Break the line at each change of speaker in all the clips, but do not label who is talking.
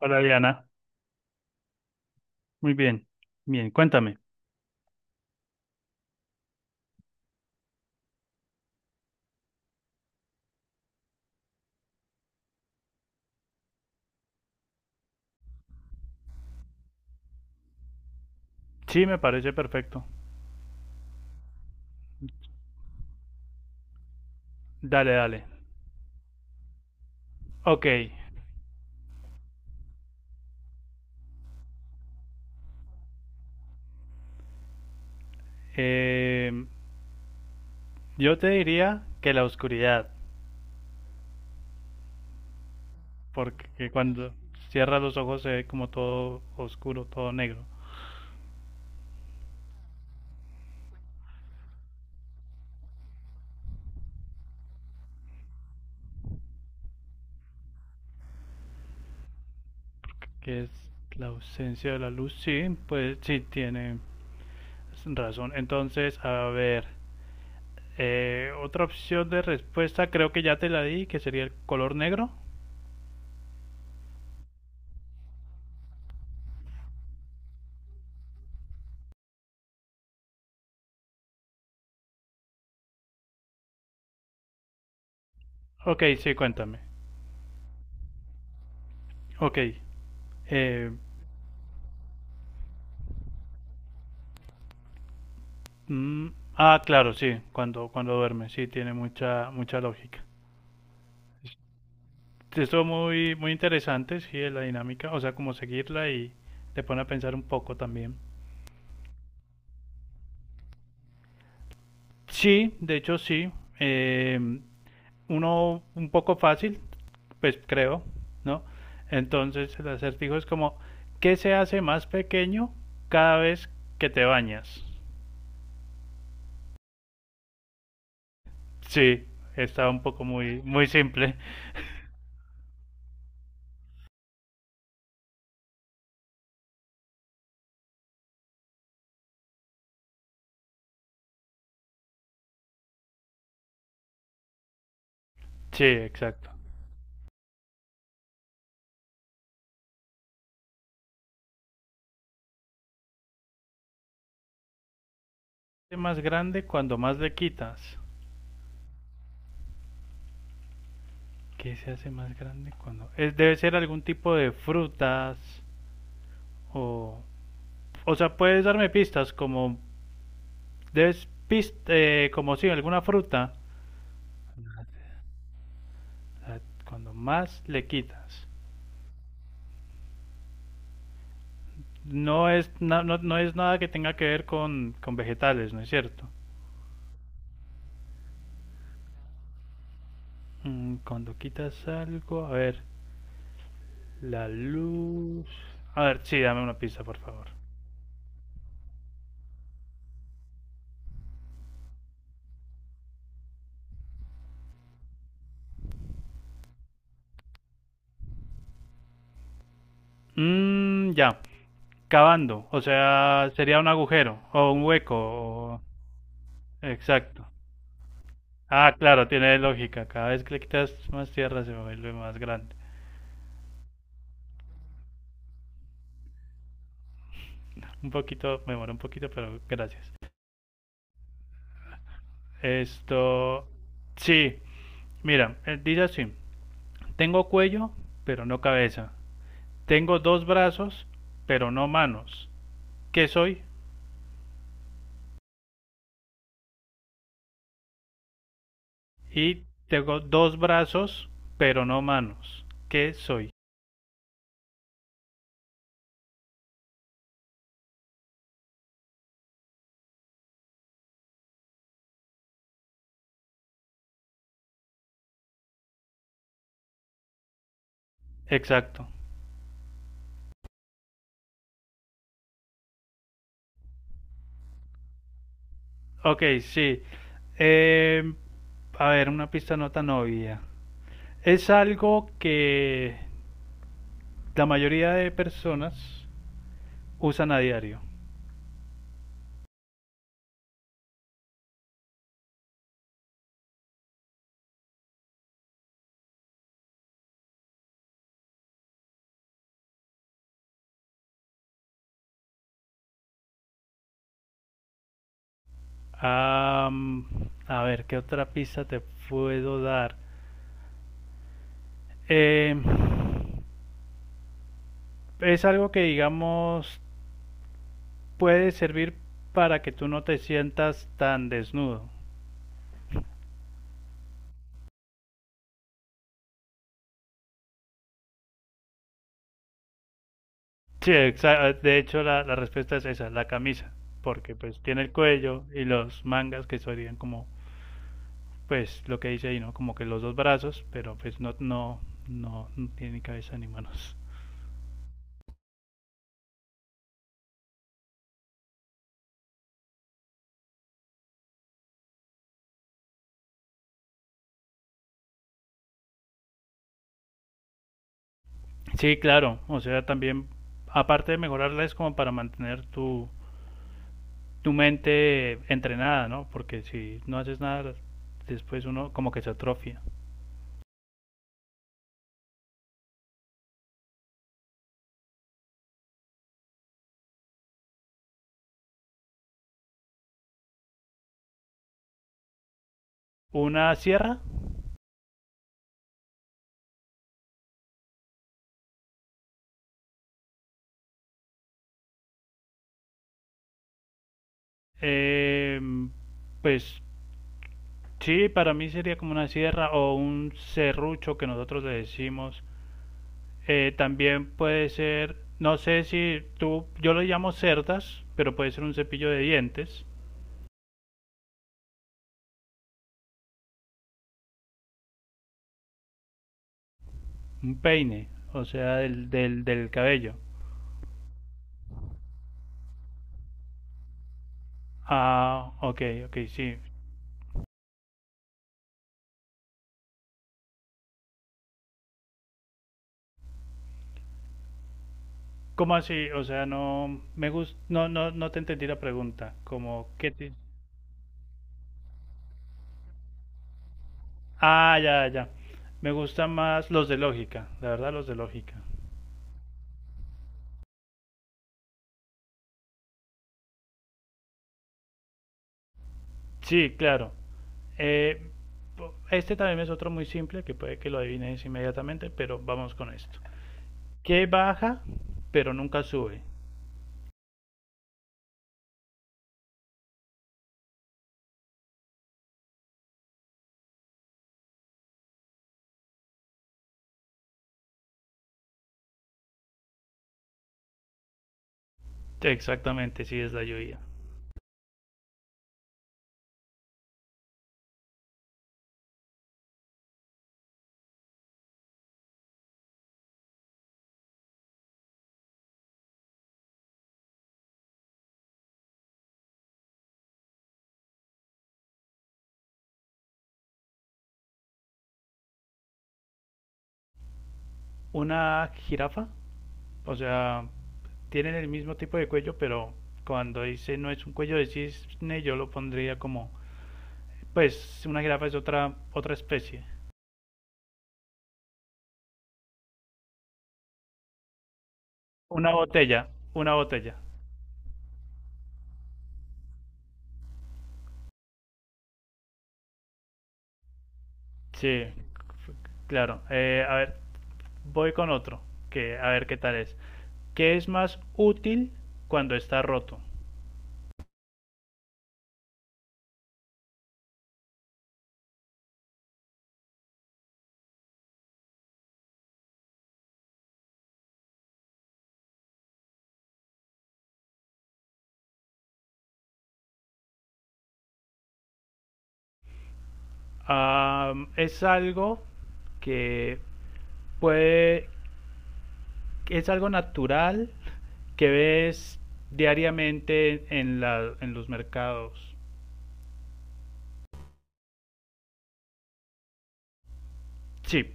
Hola Diana, muy bien, bien, cuéntame. Sí, me parece perfecto. Dale, dale. Ok. em, yo te diría que la oscuridad, porque cuando cierras los ojos se ve como todo oscuro, todo negro, que es la ausencia de la luz. Sí, pues sí, tiene razón. Entonces, a ver, otra opción de respuesta creo que ya te la di, que sería el color negro. Ok, sí, cuéntame. Ok, eh, Mm, ah, claro, sí, cuando duerme, sí, tiene mucha, mucha lógica. Esto muy, muy interesante, sí, de la dinámica, o sea, como seguirla y te pone a pensar un poco también. Sí, de hecho sí, eh, uno un poco fácil, pues creo, ¿no? Entonces el acertijo es como, ¿qué se hace más pequeño cada vez que te bañas? Sí, está un poco muy, muy simple. Sí, exacto. Es más grande cuando más le quitas. ¿Qué se hace más grande cuando...? Es, debe ser algún tipo de frutas o... O sea, puedes darme pistas como... Como si alguna fruta. Ah, cuando más le quitas. No, no es nada que tenga que ver con vegetales, ¿no es cierto? Mm, cuando quitas algo... A ver, la luz... A ver, sí, dame una pista, por favor. Mm, ya, cavando. O sea, sería un agujero o un hueco. Exacto. Ah, claro, tiene lógica. Cada vez que le quitas más tierra se vuelve más grande. Un poquito, me demoré un poquito, pero gracias. Esto, sí, mira, dice así. Tengo cuello, pero no cabeza. Tengo dos brazos, pero no manos. ¿Qué soy? Y tengo dos brazos, pero no manos. ¿Qué soy? Exacto. Ok, sí. Eh, a ver, una pista no tan obvia. Es algo que la mayoría de personas usan a diario. Am, a ver, ¿qué otra pista te puedo dar? Eh, es algo que, digamos, puede servir para que tú no te sientas tan desnudo. Sí, de hecho la, la respuesta es esa, la camisa, porque pues tiene el cuello y los mangas que serían como, pues lo que dice ahí, ¿no? Como que los dos brazos, pero pues no, no, no, no tiene ni cabeza ni manos. Sí, claro. O sea, también, aparte de mejorarla, es como para mantener tu, tu mente entrenada, ¿no? Porque si no haces nada, después uno como que se atrofia. Una sierra. eh, pues sí, para mí sería como una sierra o un serrucho que nosotros le decimos. También puede ser, no sé si tú, yo lo llamo cerdas, pero puede ser un cepillo de dientes, un peine, o sea, del, del, del cabello. Ah, ok, ok, sí. ¿Cómo así? O sea, no, no, no te entendí la pregunta. Como, ¿qué Ah, ya, ya. Me gustan más los de lógica, la verdad, los de lógica. Sí, claro. Eh, este también es otro muy simple que puede que lo adivines inmediatamente, pero vamos con esto. ¿Qué baja, pero nunca sube? Exactamente, sí, es la lluvia. ¿Una jirafa? O sea, tienen el mismo tipo de cuello, pero cuando dice no es un cuello de cisne, yo lo pondría como, pues una jirafa es otra otra especie. Una botella, una botella. Sí, claro. A ver, voy con otro, que a ver qué tal es. ¿Qué es más útil cuando está roto? Ah, es algo que puede es algo natural que ves diariamente en, la, en los mercados. Sí,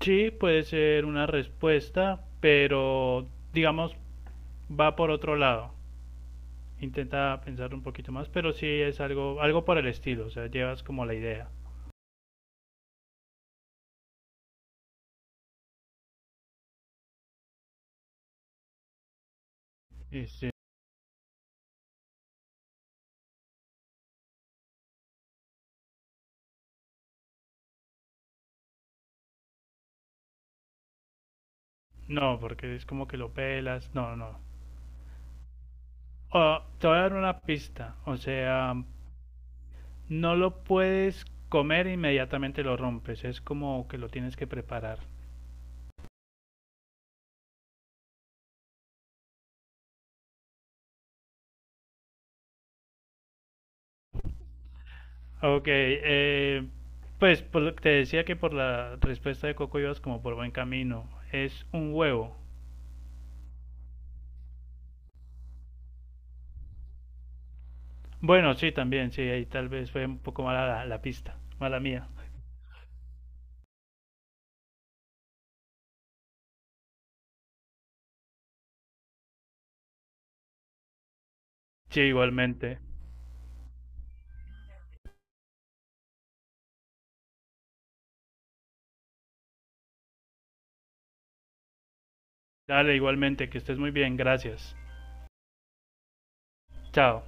sí puede ser una respuesta, pero digamos va por otro lado. Intenta pensar un poquito más, pero sí es algo, algo por el estilo, o sea, llevas como la idea. Este, no, porque es como que lo pelas, no, no. Oh, te voy a dar una pista, o sea, no lo puedes comer e inmediatamente lo rompes, es como que lo tienes que preparar. Ok, pues que te decía que por la respuesta de Coco ibas como por buen camino. Es un huevo. Bueno, sí, también, sí, ahí tal vez fue un poco mala la, la pista, mala mía. Sí, igualmente. Dale, igualmente, que estés muy bien, gracias. Chao.